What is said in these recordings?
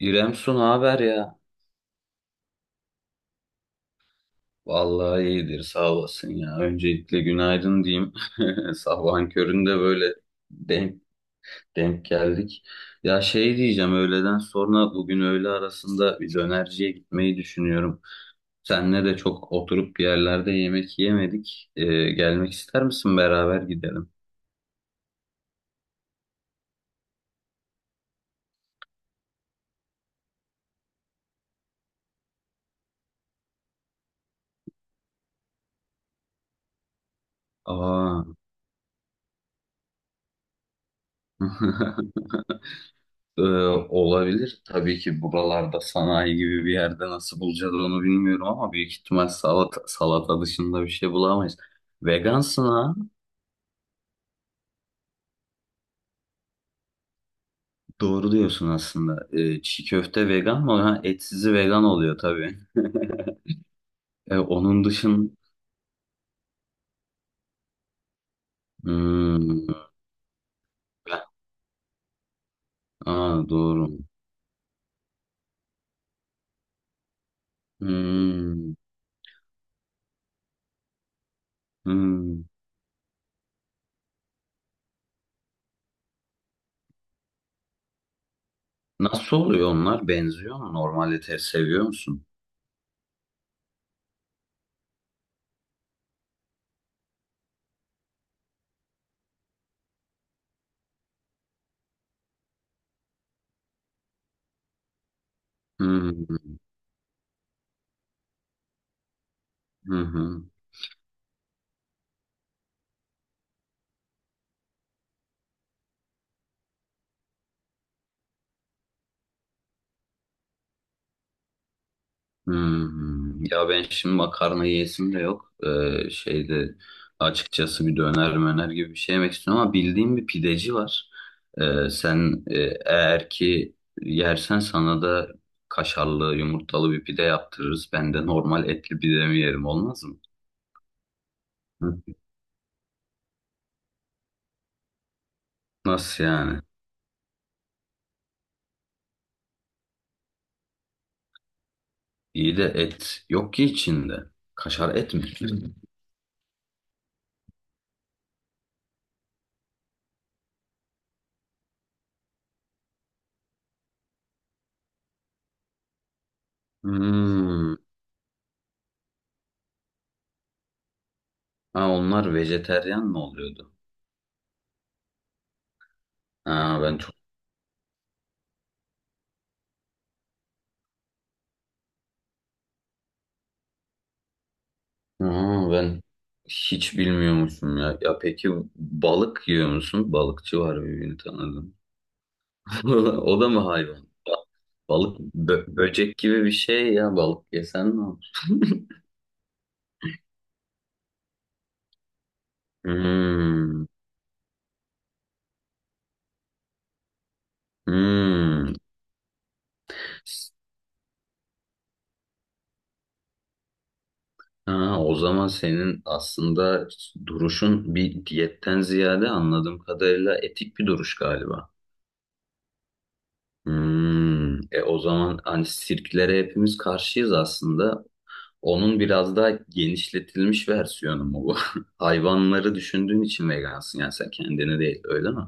İrem Su ne haber ya? Vallahi iyidir sağ olasın ya. Öncelikle günaydın diyeyim. Sabahın köründe böyle denk, denk geldik. Ya şey diyeceğim öğleden sonra bugün öğle arasında bir dönerciye gitmeyi düşünüyorum. Senle de çok oturup bir yerlerde yemek yemedik. Gelmek ister misin beraber gidelim? Aa. Ee, Olabilir. Tabii ki buralarda sanayi gibi bir yerde nasıl bulacağız onu bilmiyorum ama büyük ihtimal salata dışında bir şey bulamayız. Vegansın ha? Doğru diyorsun aslında. Çiğ köfte vegan mı? Ha, etsizi vegan oluyor tabii. Onun dışın Hmm, aa, doğru. Hmm, hmm. Nasıl oluyor onlar? Benziyor mu? Normal ete seviyor musun? Hmm, hı hı. Hmm, ya ben şimdi makarna yiyesim de yok. Şeyde açıkçası bir döner möner gibi bir şey yemek istiyorum ama bildiğim bir pideci var. Sen eğer ki yersen sana da kaşarlı yumurtalı bir pide yaptırırız. Ben de normal etli pidemi yerim olmaz mı? Hı. Nasıl yani? İyi de et yok ki içinde. Kaşar et mi? Hı. Hmm. Ha, onlar vejeteryan mı oluyordu? Ha, ben çok Aa, ben hiç bilmiyormuşum ya. Ya peki balık yiyor musun? Balıkçı var birbirini tanıdım. O da mı hayvan? Balık böcek gibi bir şey ya. Balık yesen ne olur? Hmm, hmm. Ha, o zaman senin aslında duruşun bir diyetten ziyade anladığım kadarıyla etik bir duruş galiba. Hmm. E o zaman hani sirklere hepimiz karşıyız aslında. Onun biraz daha genişletilmiş versiyonu mu bu? Hayvanları düşündüğün için vegansın yani sen kendini değil öyle mi?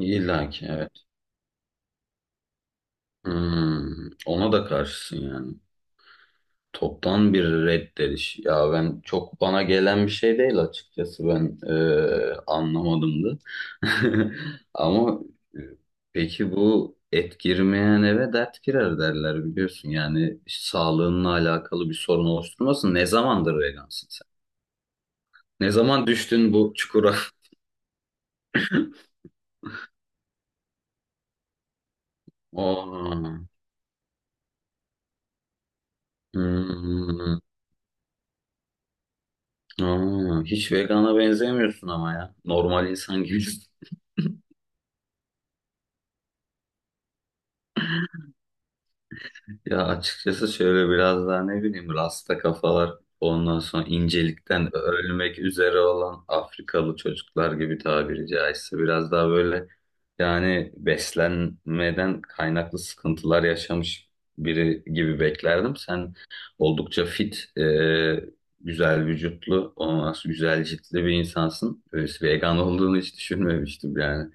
İlla ki evet. Hmm, ona da karşısın yani. Toptan bir reddediş. Ya ben çok bana gelen bir şey değil açıkçası ben anlamadım da. Ama e, peki bu et girmeyen eve dert girer derler biliyorsun. Yani sağlığınla alakalı bir sorun oluşturmasın. Ne zamandır vegansın? Ne zaman düştün bu çukura? Aa, hmm, aa, hiç vegana benzemiyorsun ama ya. Normal insan gibisin. Ya açıkçası şöyle biraz daha ne bileyim rasta kafalar ondan sonra incelikten ölmek üzere olan Afrikalı çocuklar gibi tabiri caizse biraz daha böyle yani beslenmeden kaynaklı sıkıntılar yaşamış biri gibi beklerdim. Sen oldukça fit, güzel vücutlu, ondan sonra güzel ciltli bir insansın. Böyle vegan olduğunu hiç düşünmemiştim yani.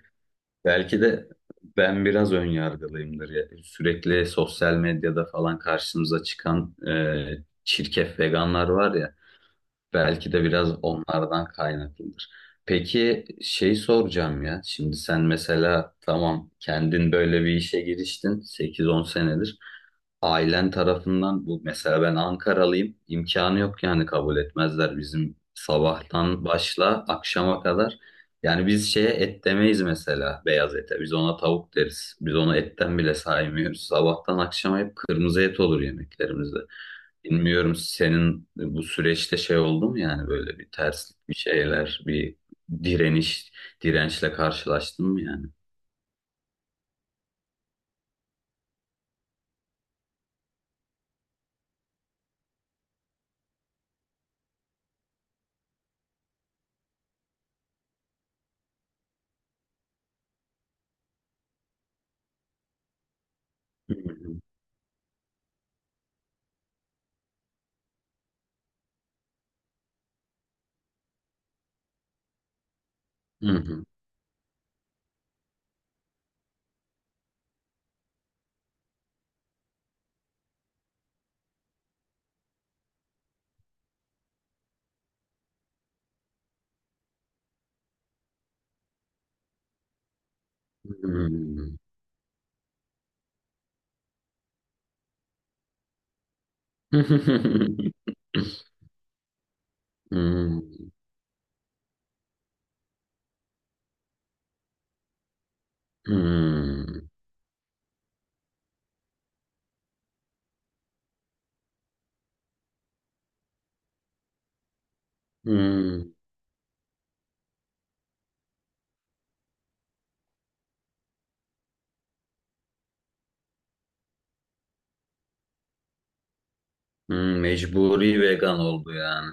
Belki de ben biraz ön yargılıyımdır ya. Sürekli sosyal medyada falan karşımıza çıkan çirkef veganlar var ya. Belki de biraz onlardan kaynaklıdır. Peki şey soracağım ya. Şimdi sen mesela tamam kendin böyle bir işe giriştin sekiz on senedir. Ailen tarafından bu mesela ben Ankaralıyım. İmkanı yok yani kabul etmezler bizim sabahtan başla akşama kadar. Yani biz şeye et demeyiz mesela beyaz ete. Biz ona tavuk deriz. Biz onu etten bile saymıyoruz. Sabahtan akşama hep kırmızı et olur yemeklerimizde. Bilmiyorum senin bu süreçte şey oldu mu yani böyle bir terslik bir şeyler bir direniş dirençle karşılaştın mı yani? Hı hı. Hı hı. Hı. Hmm, hmm, hmm, hmm. Mecburi vegan oldu yani.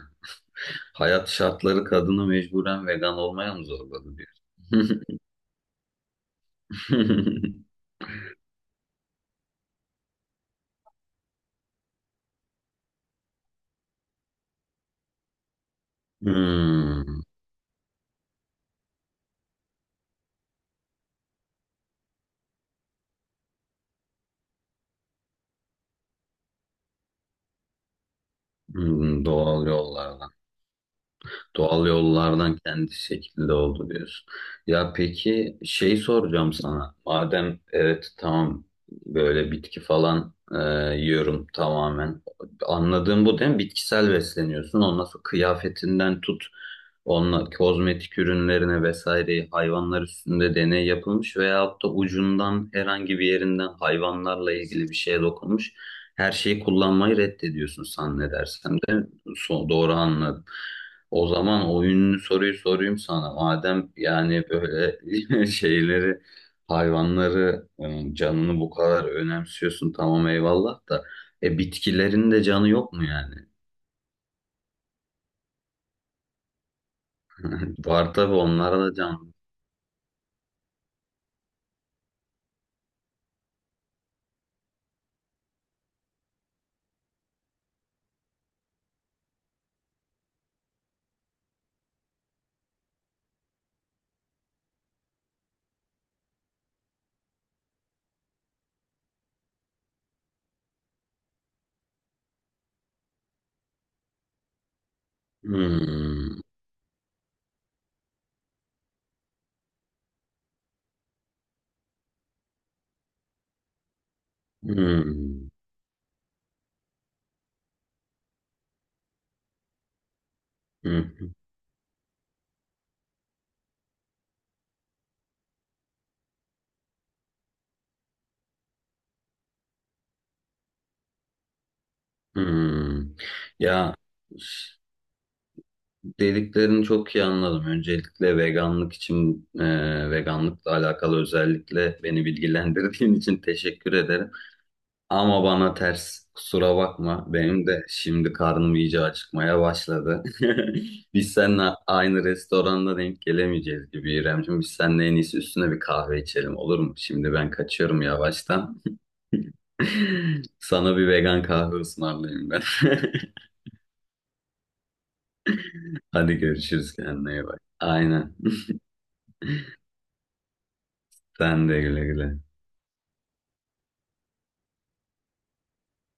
Hayat şartları kadını mecburen vegan olmaya mı zorladı diyor. Hmm, hmm, doğal yollardan. Doğal yollardan kendi şekilde oldu diyorsun. Ya peki şey soracağım sana. Madem evet tamam böyle bitki falan yiyorum tamamen. Anladığım bu değil mi? Bitkisel besleniyorsun. Ondan sonra kıyafetinden tut. Onunla kozmetik ürünlerine vesaire hayvanlar üstünde deney yapılmış veyahut da ucundan herhangi bir yerinden hayvanlarla ilgili bir şeye dokunmuş. Her şeyi kullanmayı reddediyorsun sen ne dersem de doğru anladım. O zaman oyunlu soruyu sorayım sana. Madem yani böyle şeyleri, hayvanları, canını bu kadar önemsiyorsun tamam eyvallah da. E bitkilerin de canı yok mu yani? Var tabii onlara da can. Hmm, hmm, hmm, hmm. Ya dediklerini çok iyi anladım. Öncelikle veganlık için, veganlıkla alakalı özellikle beni bilgilendirdiğin için teşekkür ederim. Ama bana ters. Kusura bakma. Benim de şimdi karnım iyice acıkmaya başladı. Biz seninle aynı restoranda denk gelemeyeceğiz gibi İremciğim. Biz seninle en iyisi üstüne bir kahve içelim olur mu? Şimdi ben kaçıyorum yavaştan. Sana bir vegan kahve ısmarlayayım ben. Hadi görüşürüz kendine iyi bak. Aynen. Sen de güle güle.